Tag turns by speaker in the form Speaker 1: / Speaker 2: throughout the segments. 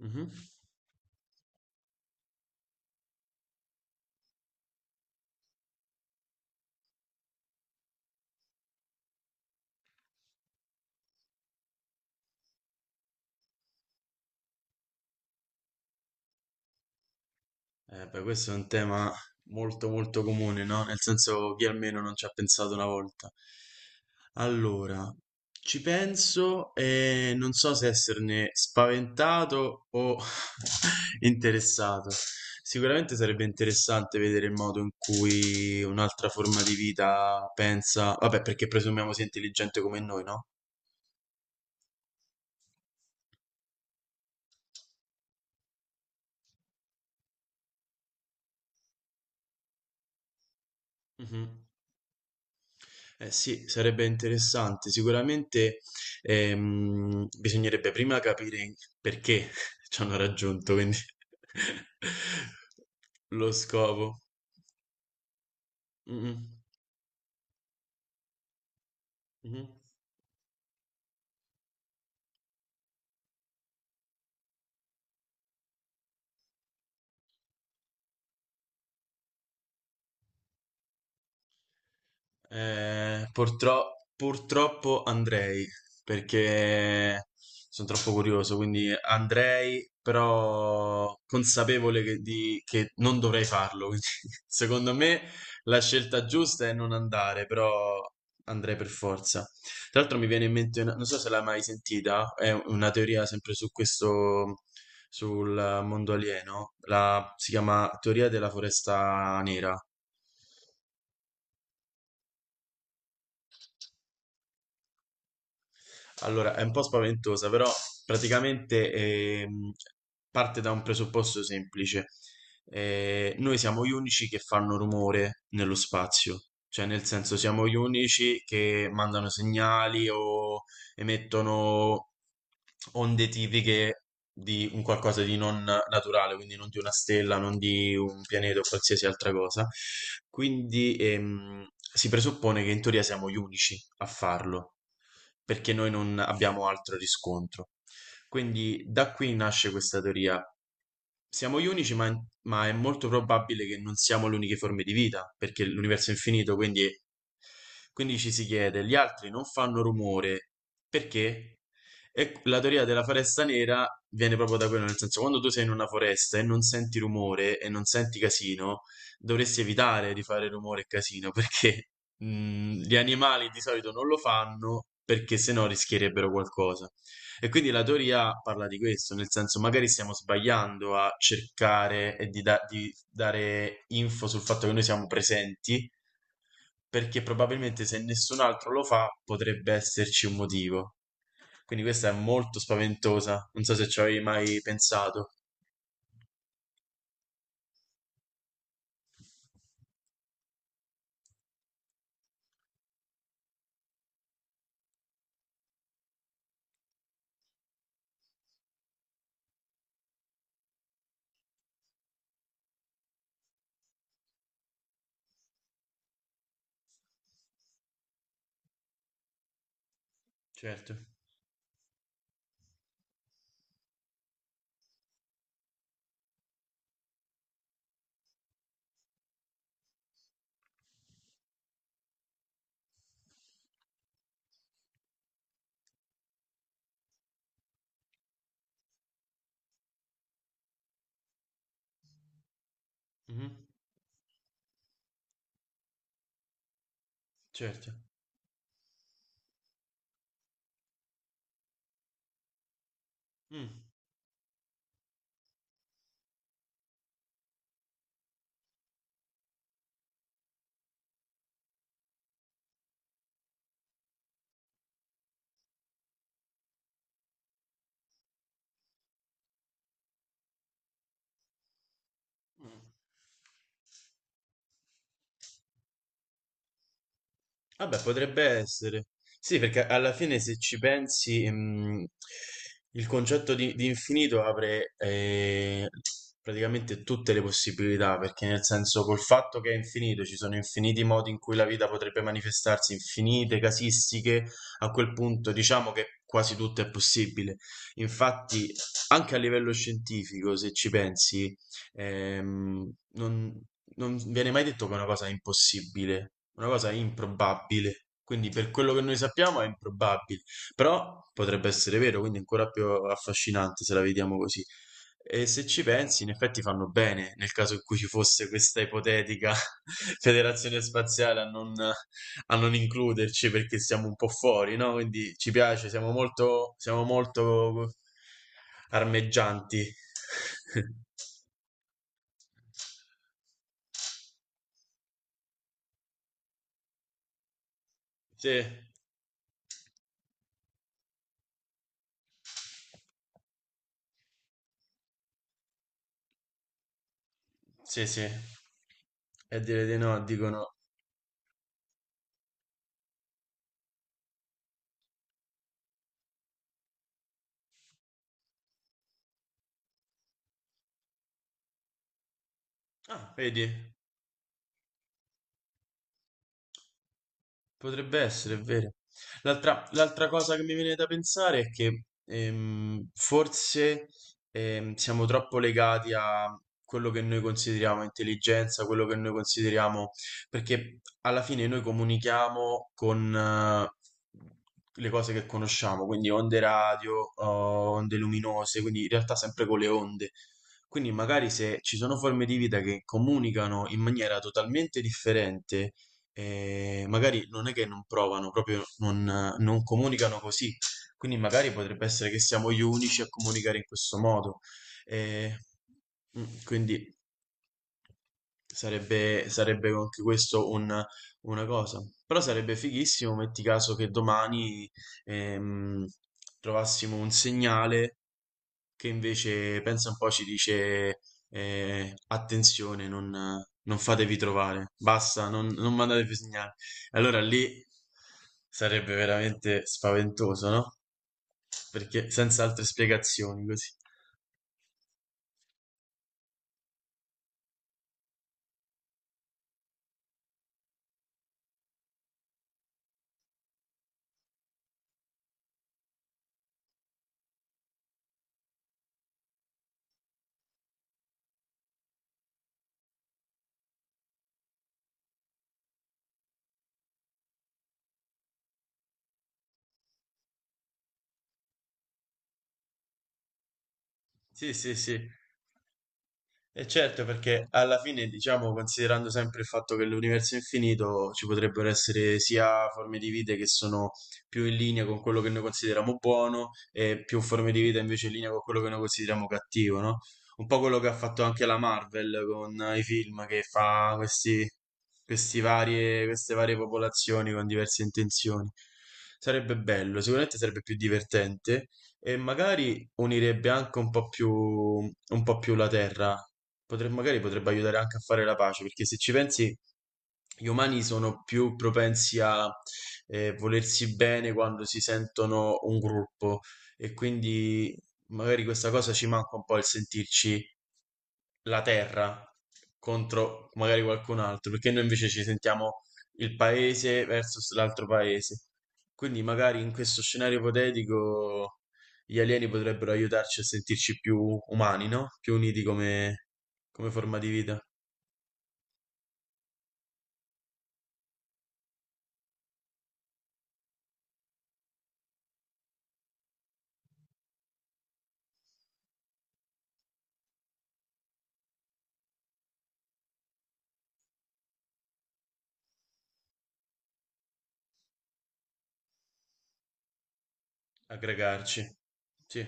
Speaker 1: Mhm. Beh, questo è un tema molto molto comune, no? Nel senso chi almeno non ci ha pensato una volta. Allora, ci penso e non so se esserne spaventato o interessato. Sicuramente sarebbe interessante vedere il modo in cui un'altra forma di vita pensa, vabbè, perché presumiamo sia intelligente come noi, no? Mhm. Eh sì, sarebbe interessante. Sicuramente bisognerebbe prima capire perché ci hanno raggiunto, quindi lo scopo. Mm, mhm. Purtroppo andrei, perché sono troppo curioso, quindi andrei, però consapevole che, che non dovrei farlo. Quindi, secondo me la scelta giusta è non andare, però andrei per forza. Tra l'altro mi viene in mente, non so se l'hai mai sentita, è una teoria sempre su questo, sul mondo alieno, la, si chiama teoria della foresta nera. Allora, è un po' spaventosa, però praticamente parte da un presupposto semplice. Noi siamo gli unici che fanno rumore nello spazio, cioè nel senso siamo gli unici che mandano segnali o emettono onde tipiche di un qualcosa di non naturale, quindi non di una stella, non di un pianeta o qualsiasi altra cosa. Quindi si presuppone che in teoria siamo gli unici a farlo, perché noi non abbiamo altro riscontro. Quindi da qui nasce questa teoria. Siamo gli unici, ma è molto probabile che non siamo le uniche forme di vita, perché l'universo è infinito, quindi ci si chiede, gli altri non fanno rumore, perché? E la teoria della foresta nera viene proprio da quello, nel senso, quando tu sei in una foresta e non senti rumore e non senti casino, dovresti evitare di fare rumore e casino, perché gli animali di solito non lo fanno, perché sennò rischierebbero qualcosa. E quindi la teoria parla di questo, nel senso magari stiamo sbagliando a cercare e di dare info sul fatto che noi siamo presenti, perché probabilmente se nessun altro lo fa potrebbe esserci un motivo. Quindi questa è molto spaventosa, non so se ci avevi mai pensato. Certo, mhm, certo. Mm. Mm. Vabbè, potrebbe essere. Sì, perché alla fine se ci pensi, il concetto di infinito apre praticamente tutte le possibilità, perché nel senso col fatto che è infinito, ci sono infiniti modi in cui la vita potrebbe manifestarsi, infinite casistiche, a quel punto diciamo che quasi tutto è possibile. Infatti, anche a livello scientifico, se ci pensi, ehm, non non viene mai detto che è una cosa è impossibile. Una cosa improbabile. Quindi per quello che noi sappiamo è improbabile, però potrebbe essere vero, quindi è ancora più affascinante se la vediamo così. E se ci pensi, in effetti fanno bene nel caso in cui ci fosse questa ipotetica federazione spaziale a non includerci perché siamo un po' fuori, no? Quindi ci piace, siamo molto armeggianti. Sì, sì, sì. E a dire di no, dicono. Ah, vedi, potrebbe essere, è vero. L'altra cosa che mi viene da pensare è che forse siamo troppo legati a quello che noi consideriamo intelligenza, quello che noi consideriamo, perché alla fine noi comunichiamo con le cose che conosciamo, quindi onde radio, oh, onde luminose, quindi in realtà sempre con le onde. Quindi magari se ci sono forme di vita che comunicano in maniera totalmente differente, e magari non è che non provano, proprio non, non comunicano così. Quindi magari potrebbe essere che siamo gli unici a comunicare in questo modo. E, quindi sarebbe anche questo una cosa. Però sarebbe fighissimo, metti caso che domani ehm, trovassimo un segnale che invece pensa un po' ci dice eh, attenzione, non fatevi trovare, basta, non mandatevi segnali. Allora lì sarebbe veramente spaventoso, no? Perché senza altre spiegazioni così. Sì, sì, sì. E certo, perché alla fine, diciamo, considerando sempre il fatto che l'universo è infinito, ci potrebbero essere sia forme di vita che sono più in linea con quello che noi consideriamo buono e più forme di vita invece in linea con quello che noi consideriamo cattivo, no? Un po' quello che ha fatto anche la Marvel con i film che fa questi, queste varie popolazioni con diverse intenzioni. Sarebbe bello, sicuramente sarebbe più divertente. E magari unirebbe anche un po' più la terra. Magari potrebbe aiutare anche a fare la pace, perché se ci pensi, gli umani sono più propensi a volersi bene quando si sentono un gruppo e quindi magari questa cosa ci manca un po' il sentirci la terra contro magari qualcun altro, perché noi invece ci sentiamo il paese versus l'altro paese. Quindi magari in questo scenario ipotetico gli alieni potrebbero aiutarci a sentirci più umani, no? Più uniti come forma di vita, aggregarci. Sì.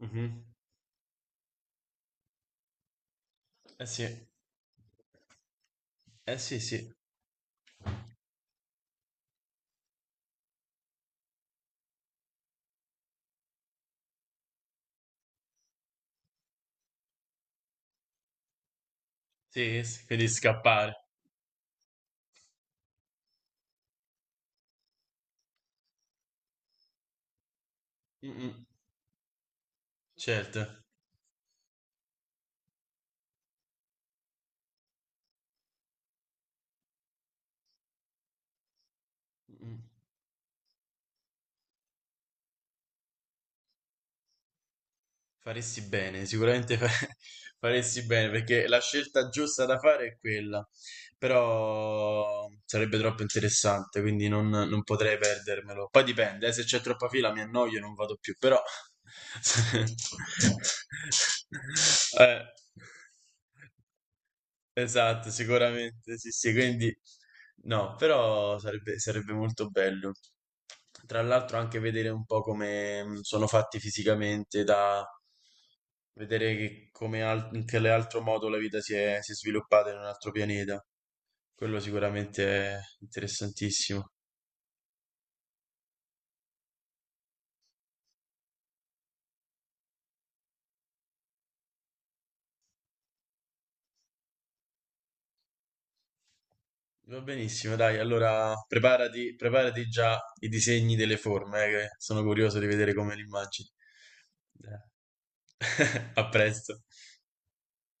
Speaker 1: Mhm. Eh sì. Eh sì, sì. Sì, sì, quindi scappare. Mm, mm. Certo. Mm, mm. Faresti bene, sicuramente faresti bene perché la scelta giusta da fare è quella, però sarebbe troppo interessante, quindi non potrei perdermelo. Poi dipende, se c'è troppa fila mi annoio e non vado più, però... Eh. Esatto, sicuramente, sì, sì, quindi no, però sarebbe molto bello. Tra l'altro anche vedere un po' come sono fatti fisicamente, da vedere che in che altro modo la vita si è sviluppata in un altro pianeta. Quello sicuramente è interessantissimo. Va benissimo, dai, allora preparati già i disegni delle forme, che sono curioso di vedere come le immagini. Dai. A presto.